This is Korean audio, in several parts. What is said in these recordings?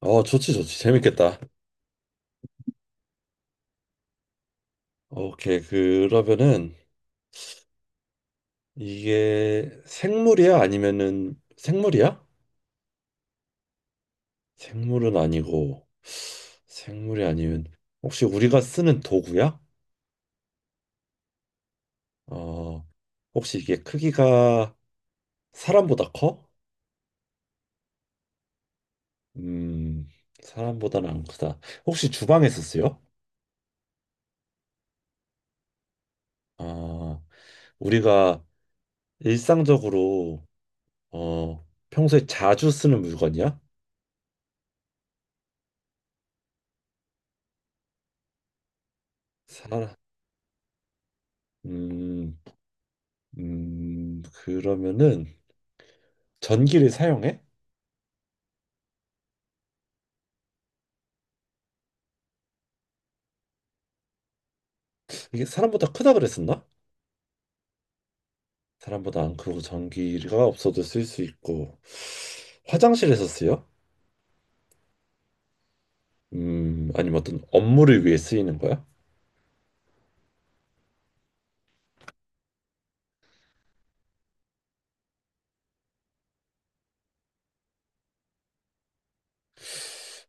좋지, 좋지. 재밌겠다. 오케이. 그러면은 이게 생물이야? 아니면은 생물이야? 생물은 아니고, 생물이 아니면 혹시 우리가 쓰는 도구야? 어, 혹시 이게 크기가 사람보다 커? 음, 사람보다는 안 크다. 혹시 주방에서 쓰여? 어, 우리가 일상적으로 어, 평소에 자주 쓰는 물건이야? 사, 음, 그러면은 전기를 사용해? 이게 사람보다 크다 그랬었나? 사람보다 안 크고 전기가 없어도 쓸 수 있고 화장실에서 쓰여? 아니면 어떤 업무를 위해 쓰이는 거야?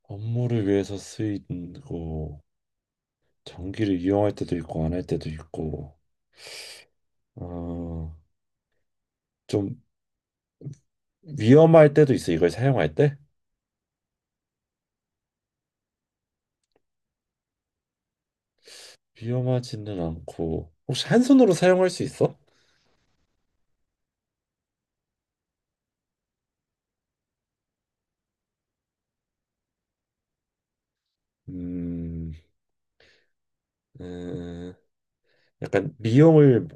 업무를 위해서 쓰이고 전기를 이용할 때도 있고 안 할 때도 있고 어, 좀 위험할 때도 있어 이걸 사용할 때? 위험하지는 않고 혹시 한 손으로 사용할 수 있어? 음, 음, 약간 미용을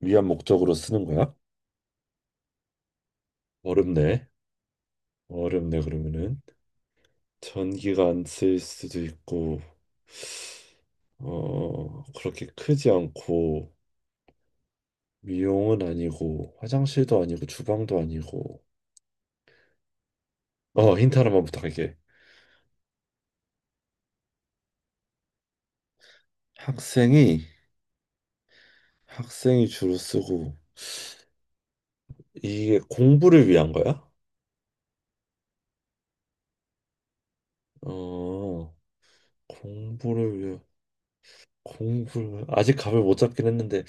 위안 목적으로 쓰는 거야? 어렵네. 어렵네, 그러면은 전기가 안 쓸 수도 있고 어 그렇게 크지 않고 미용은 아니고 화장실도 아니고 주방도 아니고. 어, 힌트 하나만 부탁할게. 학생이 학생이 주로 쓰고 이게 공부를 위한 거야? 어, 공부를 위해. 공부를 아직 감을 못 잡긴 했는데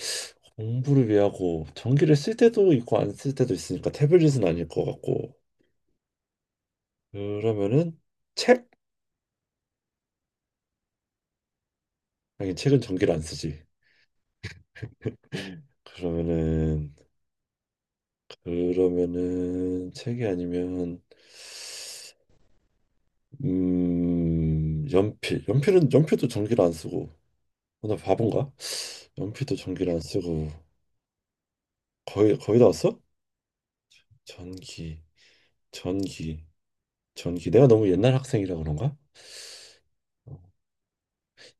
공부를 위하고 전기를 쓸 때도 있고 안 쓸 때도 있으니까 태블릿은 아닐 것 같고. 그러면은 책? 아니, 책은 전기를 안 쓰지. 그러면은 그러면은 책이 아니면 음, 연필은 연필도 전기를 안 쓰고. 어, 나 바본가? 연필도 전기를 안 쓰고. 거의 다 왔어? 전기, 전기, 전기. 내가 너무 옛날 학생이라 그런가? 어.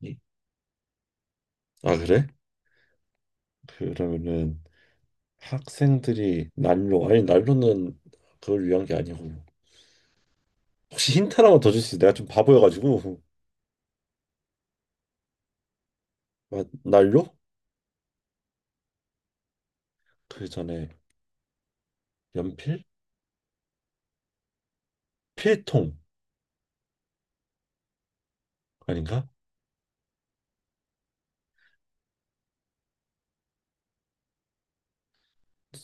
이- 아 그래? 그러면은 학생들이 난로. 아니 난로는 그걸 위한 게 아니고. 혹시 힌트 하나만 더 줄 수 있어? 내가 좀 바보여가지고. 아, 난로? 그 전에 연필? 필통 아닌가?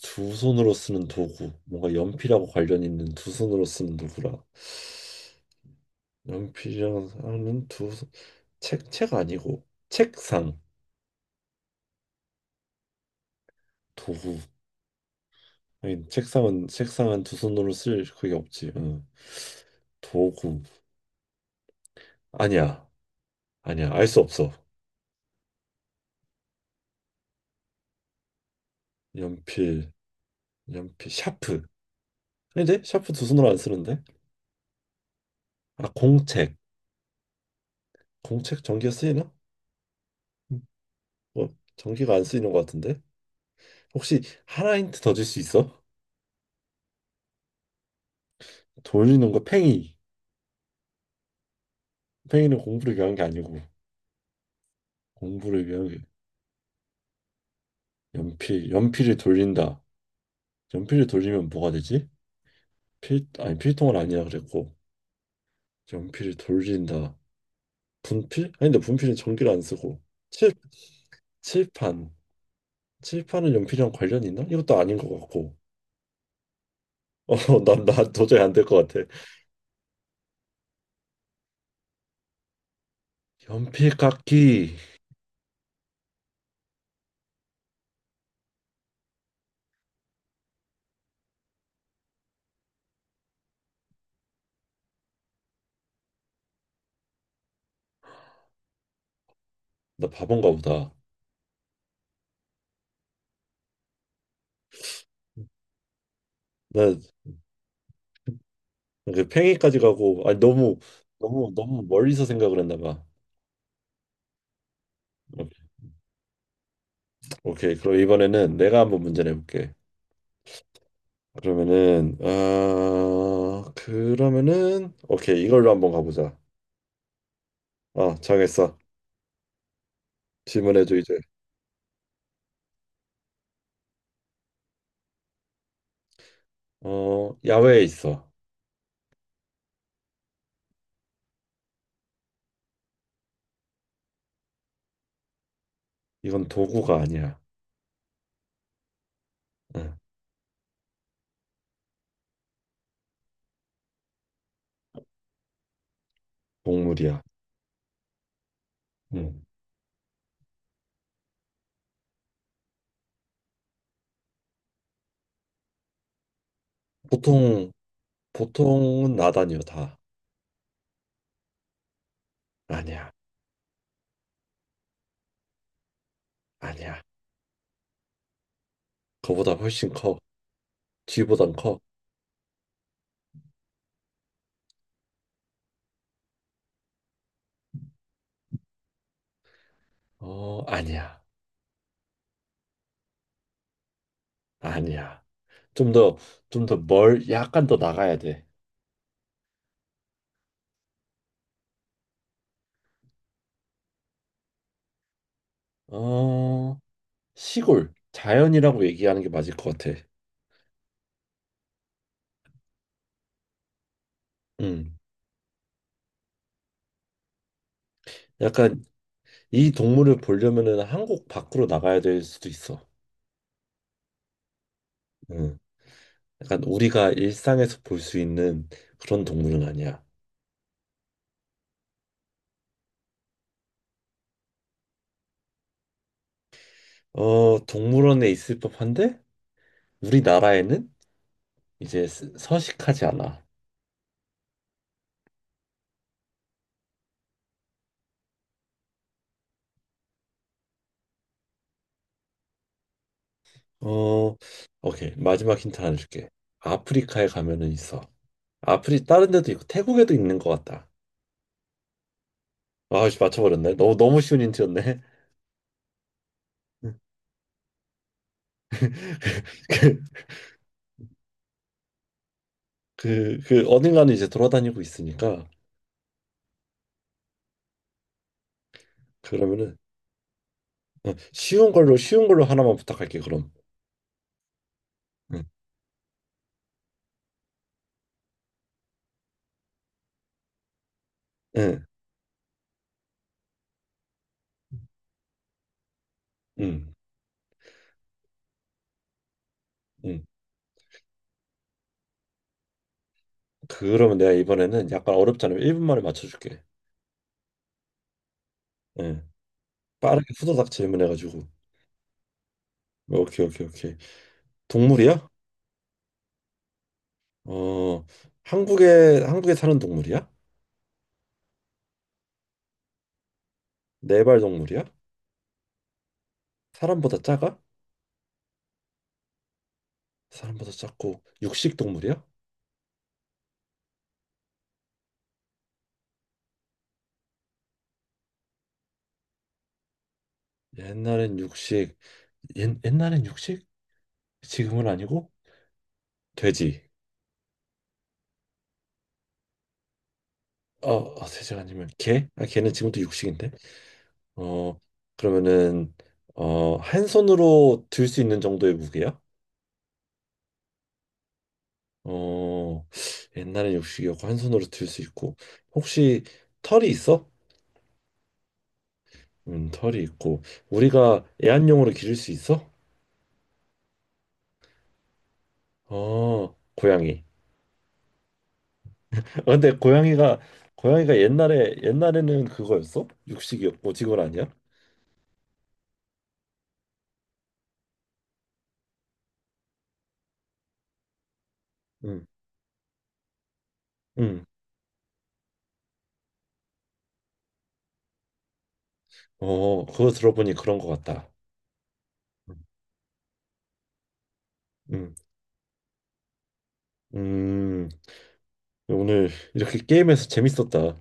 두 손으로 쓰는 도구, 뭔가 연필하고 관련 있는 두 손으로 쓰는 도구라. 연필이랑 하는 두 손- 책, 책 아니고 책상. 도구. 아니, 책상은, 책상은 두 손으로 쓸 그게 없지. 응. 도구. 아니야. 아니야. 알 수 없어. 연필, 연필, 샤프. 아닌데? 샤프 두 손으로 안 쓰는데? 아, 공책. 공책 전기가 쓰이나? 음, 뭐, 전기가 안 쓰이는 것 같은데? 혹시 하나 힌트 더 줄 수 있어? 돌리는 거 팽이. 팽이는 공부를 위한 게 아니고, 공부를 위한 게. 연필, 연필을 돌린다. 연필을 돌리면 뭐가 되지? 필, 아니, 필통은 아니라 그랬고, 연필을 돌린다. 분필? 아닌데, 분필은 전기를 안 쓰고, 칠, 칠판. 칠판은 연필이랑 관련이 있나? 이것도 아닌 것 같고. 어, 난, 나 도저히 안 될 것 같아. 연필 깎기. 나 바본가 보다. 나 그 팽이까지 가고, 아니, 너무, 너무, 너무 멀리서 생각을 했나 봐. 오케이. 그럼 이번에는 내가 한번 문제 내볼게. 그러면은, 아, 그러면은, 오케이. 이걸로 한번 가보자. 아, 정했어. 질문해줘, 이제. 어, 야외에 있어. 이건 도구가 아니야. 응, 동물이야. 응. 보통 보통은 나다니요 다. 아니야. 아니야. 그보다 훨씬 커. 쥐보단. 커어 아니야. 아니야. 좀 더 좀 더 멀, 약간 더 나가야. 돼어. 시골, 자연이라고 얘기하는 게 맞을 것 같아. 음. 약간 이 동물을 보려면은 한국 밖으로 나가야 될 수도 있어. 음. 약간 우리가 일상에서 볼 수 있는 그런 동물은 아니야. 어, 동물원에 있을 법한데 우리나라에는 이제 스- 서식하지 않아. 어, 오케이. 마지막 힌트 하나 줄게. 아프리카에 가면은 있어. 아프리, 다른 데도 있고 태국에도 있는 것 같다. 아, 씨 맞춰버렸네. 너무 너무 쉬운 힌트였네. 그 어딘가는 이제 돌아다니고 있으니까. 그러면은 어, 쉬운 걸로 쉬운 걸로 하나만 부탁할게. 그럼. 응, 응, 응. 응. 그러면 내가 이번에는 약간 어렵지 않으면 1분 만에 맞춰줄게. 응. 빠르게 후다닥 질문해가지고. 오케이, 오케이, 오케이. 동물이야? 어, 한국에 사는 동물이야? 네발 동물이야? 사람보다 작아? 사람보다 작고 육식 동물이야? 옛날엔 육식, 옛날엔 육식? 지금은 아니고 돼지. 어, 어, 돼지가 아니면 개? 아, 개는 지금도 육식인데. 어, 그러면은 어, 한 손으로 들 수 있는 정도의 무게야? 어, 옛날엔 육식이었고 한 손으로 들 수 있고 혹시 털이 있어? 털이 있고 우리가 애완용으로 기를 수 있어? 어, 고양이. 아, 근데 고양이가 옛날에는 그거였어? 육식이었고 직원 아니야? 응. 응. 어, 그거 들어보니 그런 것 같다. 응. 음. 오늘 이렇게 게임에서 재밌었다.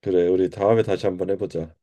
그래, 우리 다음에 다시 한번 해보자.